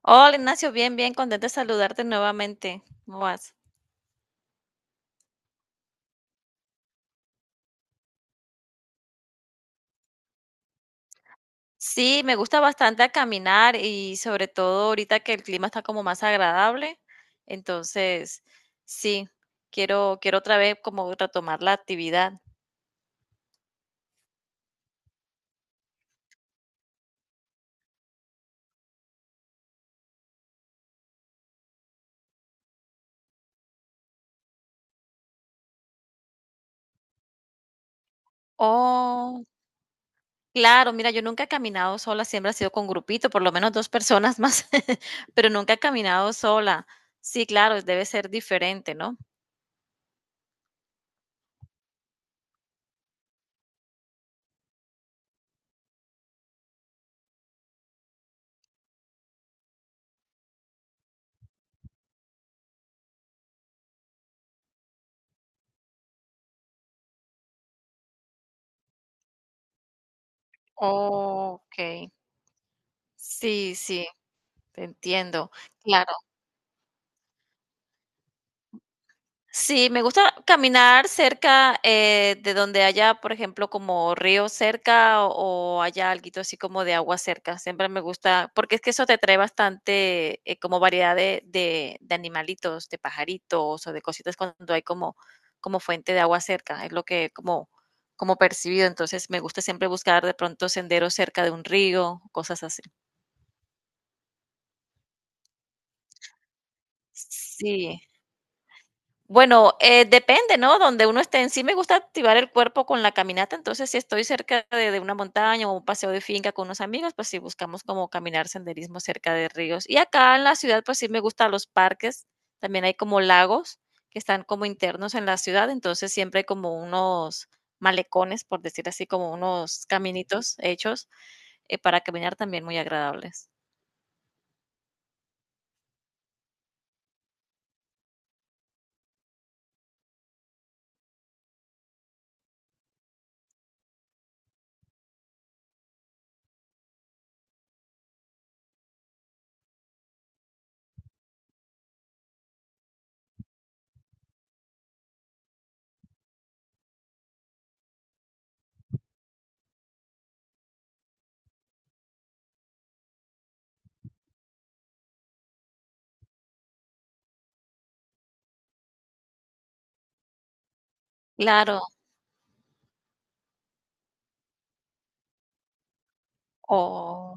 Hola Ignacio, bien, bien, contenta de saludarte nuevamente. ¿Cómo vas? Sí, me gusta bastante a caminar y sobre todo ahorita que el clima está como más agradable. Entonces, sí, quiero otra vez como retomar la actividad. Oh, claro, mira, yo nunca he caminado sola, siempre ha sido con grupito, por lo menos dos personas más, pero nunca he caminado sola. Sí, claro, debe ser diferente, ¿no? Ok, sí, sí, te entiendo. Claro. Sí, me gusta caminar cerca de donde haya, por ejemplo, como río cerca o haya alguito así como de agua cerca. Siempre me gusta, porque es que eso te trae bastante como variedad de animalitos, de pajaritos o de cositas cuando hay como, como fuente de agua cerca. Es lo que como, como percibido. Entonces me gusta siempre buscar de pronto senderos cerca de un río, cosas así. Sí. Bueno, depende, ¿no? Donde uno esté en sí, me gusta activar el cuerpo con la caminata, entonces si estoy cerca de una montaña o un paseo de finca con unos amigos, pues sí buscamos como caminar senderismo cerca de ríos. Y acá en la ciudad, pues sí me gustan los parques, también hay como lagos que están como internos en la ciudad, entonces siempre hay como unos malecones, por decir así, como unos caminitos hechos para caminar también muy agradables. Claro, o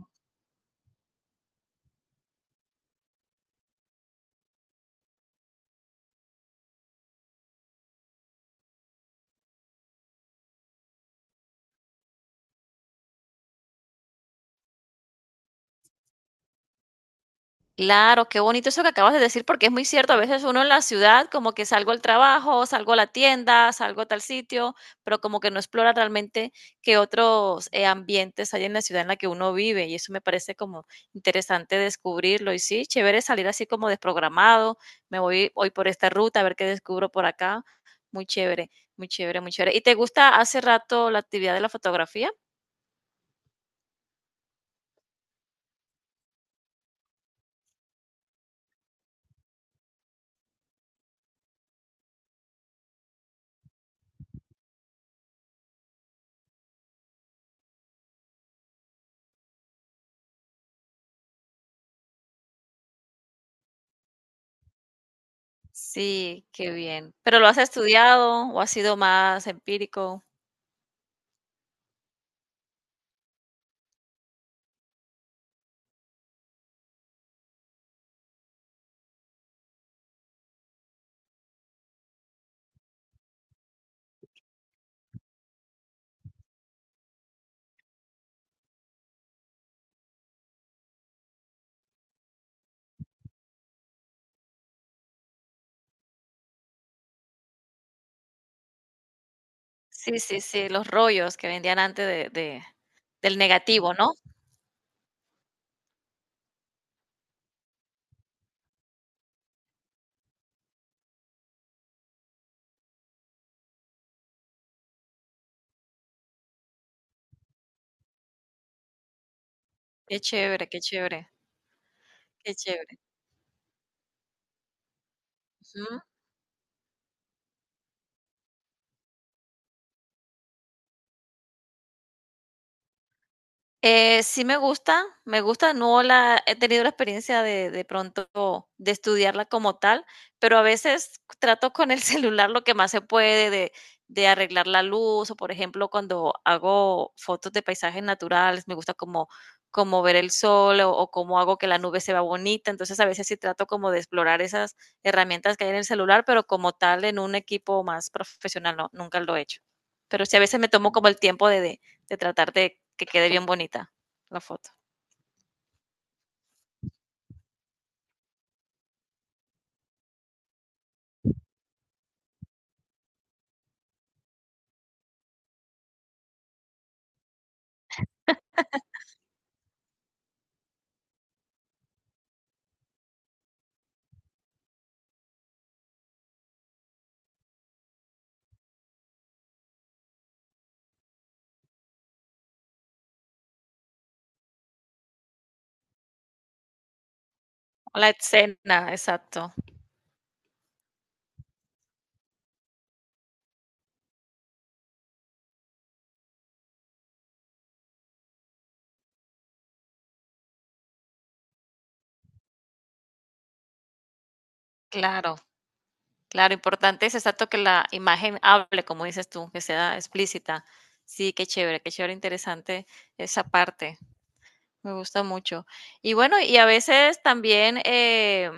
claro, qué bonito eso que acabas de decir, porque es muy cierto. A veces uno en la ciudad, como que salgo al trabajo, salgo a la tienda, salgo a tal sitio, pero como que no explora realmente qué otros ambientes hay en la ciudad en la que uno vive. Y eso me parece como interesante descubrirlo. Y sí, chévere salir así como desprogramado. Me voy hoy por esta ruta a ver qué descubro por acá. Muy chévere, muy chévere, muy chévere. ¿Y te gusta hace rato la actividad de la fotografía? Sí, qué bien. ¿Pero lo has estudiado o ha sido más empírico? Sí, sí, sí, los rollos que vendían antes de del negativo, ¿no? Qué chévere, qué chévere, qué chévere. Sí me gusta, no la he tenido la experiencia de pronto de estudiarla como tal, pero a veces trato con el celular lo que más se puede de arreglar la luz o por ejemplo cuando hago fotos de paisajes naturales, me gusta como, como ver el sol o cómo hago que la nube se vea bonita, entonces a veces sí trato como de explorar esas herramientas que hay en el celular, pero como tal en un equipo más profesional no, nunca lo he hecho. Pero sí a veces me tomo como el tiempo de, de tratar de que quede bien bonita la foto. La escena, exacto. Claro, claro, importante es exacto que la imagen hable, como dices tú, que sea explícita. Sí, qué chévere, interesante esa parte. Me gusta mucho. Y bueno, y a veces también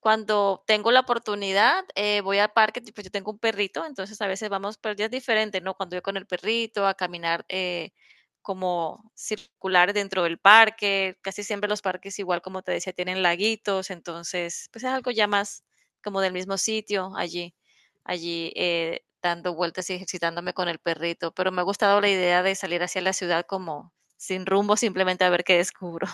cuando tengo la oportunidad, voy al parque, pues yo tengo un perrito, entonces a veces vamos, pero ya es diferente, ¿no? Cuando yo con el perrito a caminar como circular dentro del parque, casi siempre los parques igual como te decía tienen laguitos, entonces pues es algo ya más como del mismo sitio allí, allí dando vueltas y ejercitándome con el perrito, pero me ha gustado la idea de salir hacia la ciudad como sin rumbo, simplemente a ver qué descubro.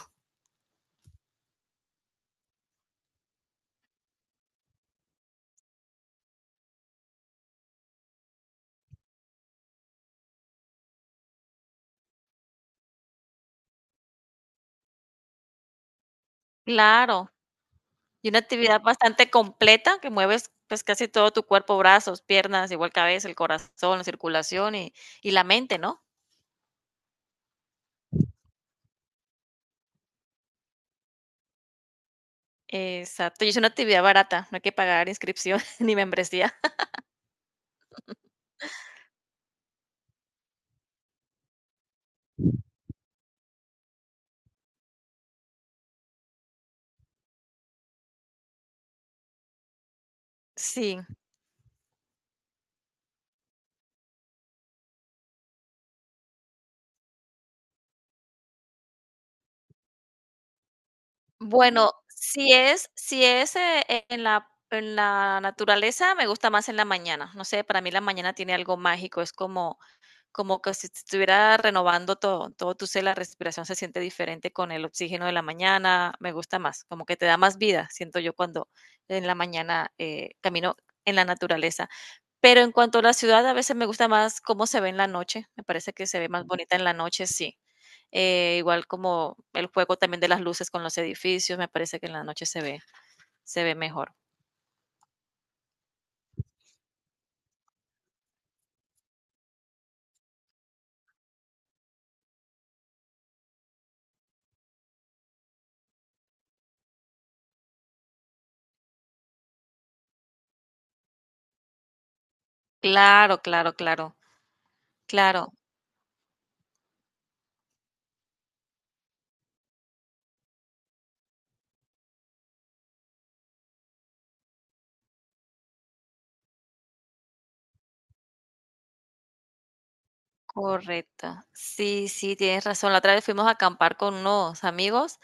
Claro. Y una actividad bastante completa que mueves, pues, casi todo tu cuerpo, brazos, piernas, igual cabeza, el corazón, la circulación y la mente, ¿no? Exacto, y es una actividad barata, no hay que pagar inscripción ni membresía. Sí, bueno, si es, en la naturaleza, me gusta más en la mañana. No sé, para mí la mañana tiene algo mágico, es como como que si te estuviera renovando todo, todo tu ser, la respiración se siente diferente con el oxígeno de la mañana, me gusta más, como que te da más vida, siento yo cuando en la mañana camino en la naturaleza. Pero en cuanto a la ciudad, a veces me gusta más cómo se ve en la noche, me parece que se ve más bonita en la noche, sí. Igual como el juego también de las luces con los edificios, me parece que en la noche se ve mejor. Claro, claro, claro, claro. Correcto. Sí, sí, tienes razón. La otra vez fuimos a acampar con unos amigos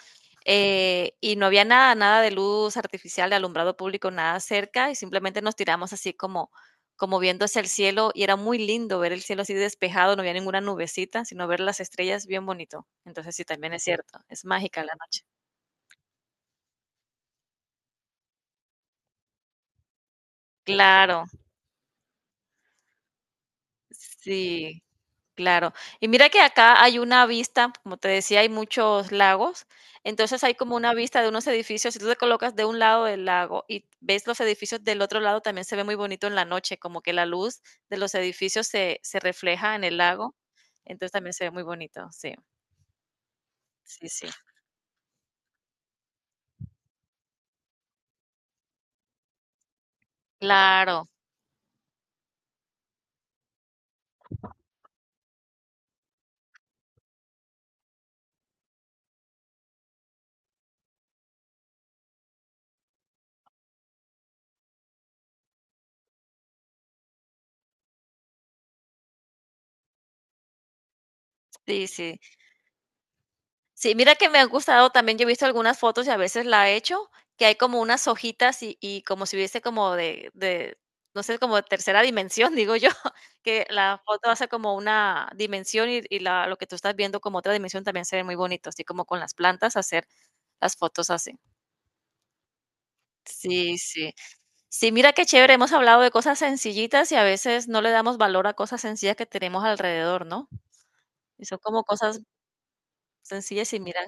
y no había nada, nada de luz artificial, de alumbrado público, nada cerca y simplemente nos tiramos así como, como viendo hacia el cielo y era muy lindo ver el cielo así despejado, no había ninguna nubecita, sino ver las estrellas bien bonito. Entonces sí, también es cierto, es mágica la noche. Claro, sí. Claro. Y mira que acá hay una vista, como te decía, hay muchos lagos, entonces hay como una vista de unos edificios, si tú te colocas de un lado del lago y ves los edificios del otro lado, también se ve muy bonito en la noche, como que la luz de los edificios se, se refleja en el lago, entonces también se ve muy bonito, sí, sí, sí. Claro, sí, sí. Sí, mira que me ha gustado también, yo he visto algunas fotos y a veces la he hecho, que hay como unas hojitas y como si hubiese como de, no sé, como de tercera dimensión, digo yo, que la foto hace como una dimensión y la lo que tú estás viendo como otra dimensión también se ve muy bonito, así como con las plantas hacer las fotos así. Sí, sí. Sí, mira qué chévere, hemos hablado de cosas sencillitas y a veces no le damos valor a cosas sencillas que tenemos alrededor, ¿no? Y son como cosas sencillas y mira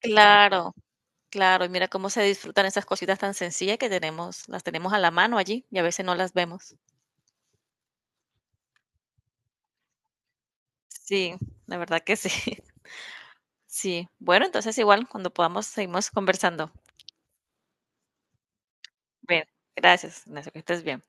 claro. Claro, y mira cómo se disfrutan esas cositas tan sencillas que tenemos, las tenemos a la mano allí y a veces no las vemos. Sí, la verdad que sí. Sí. Bueno, entonces igual cuando podamos seguimos conversando. Bien, gracias, gracias, que estés bien.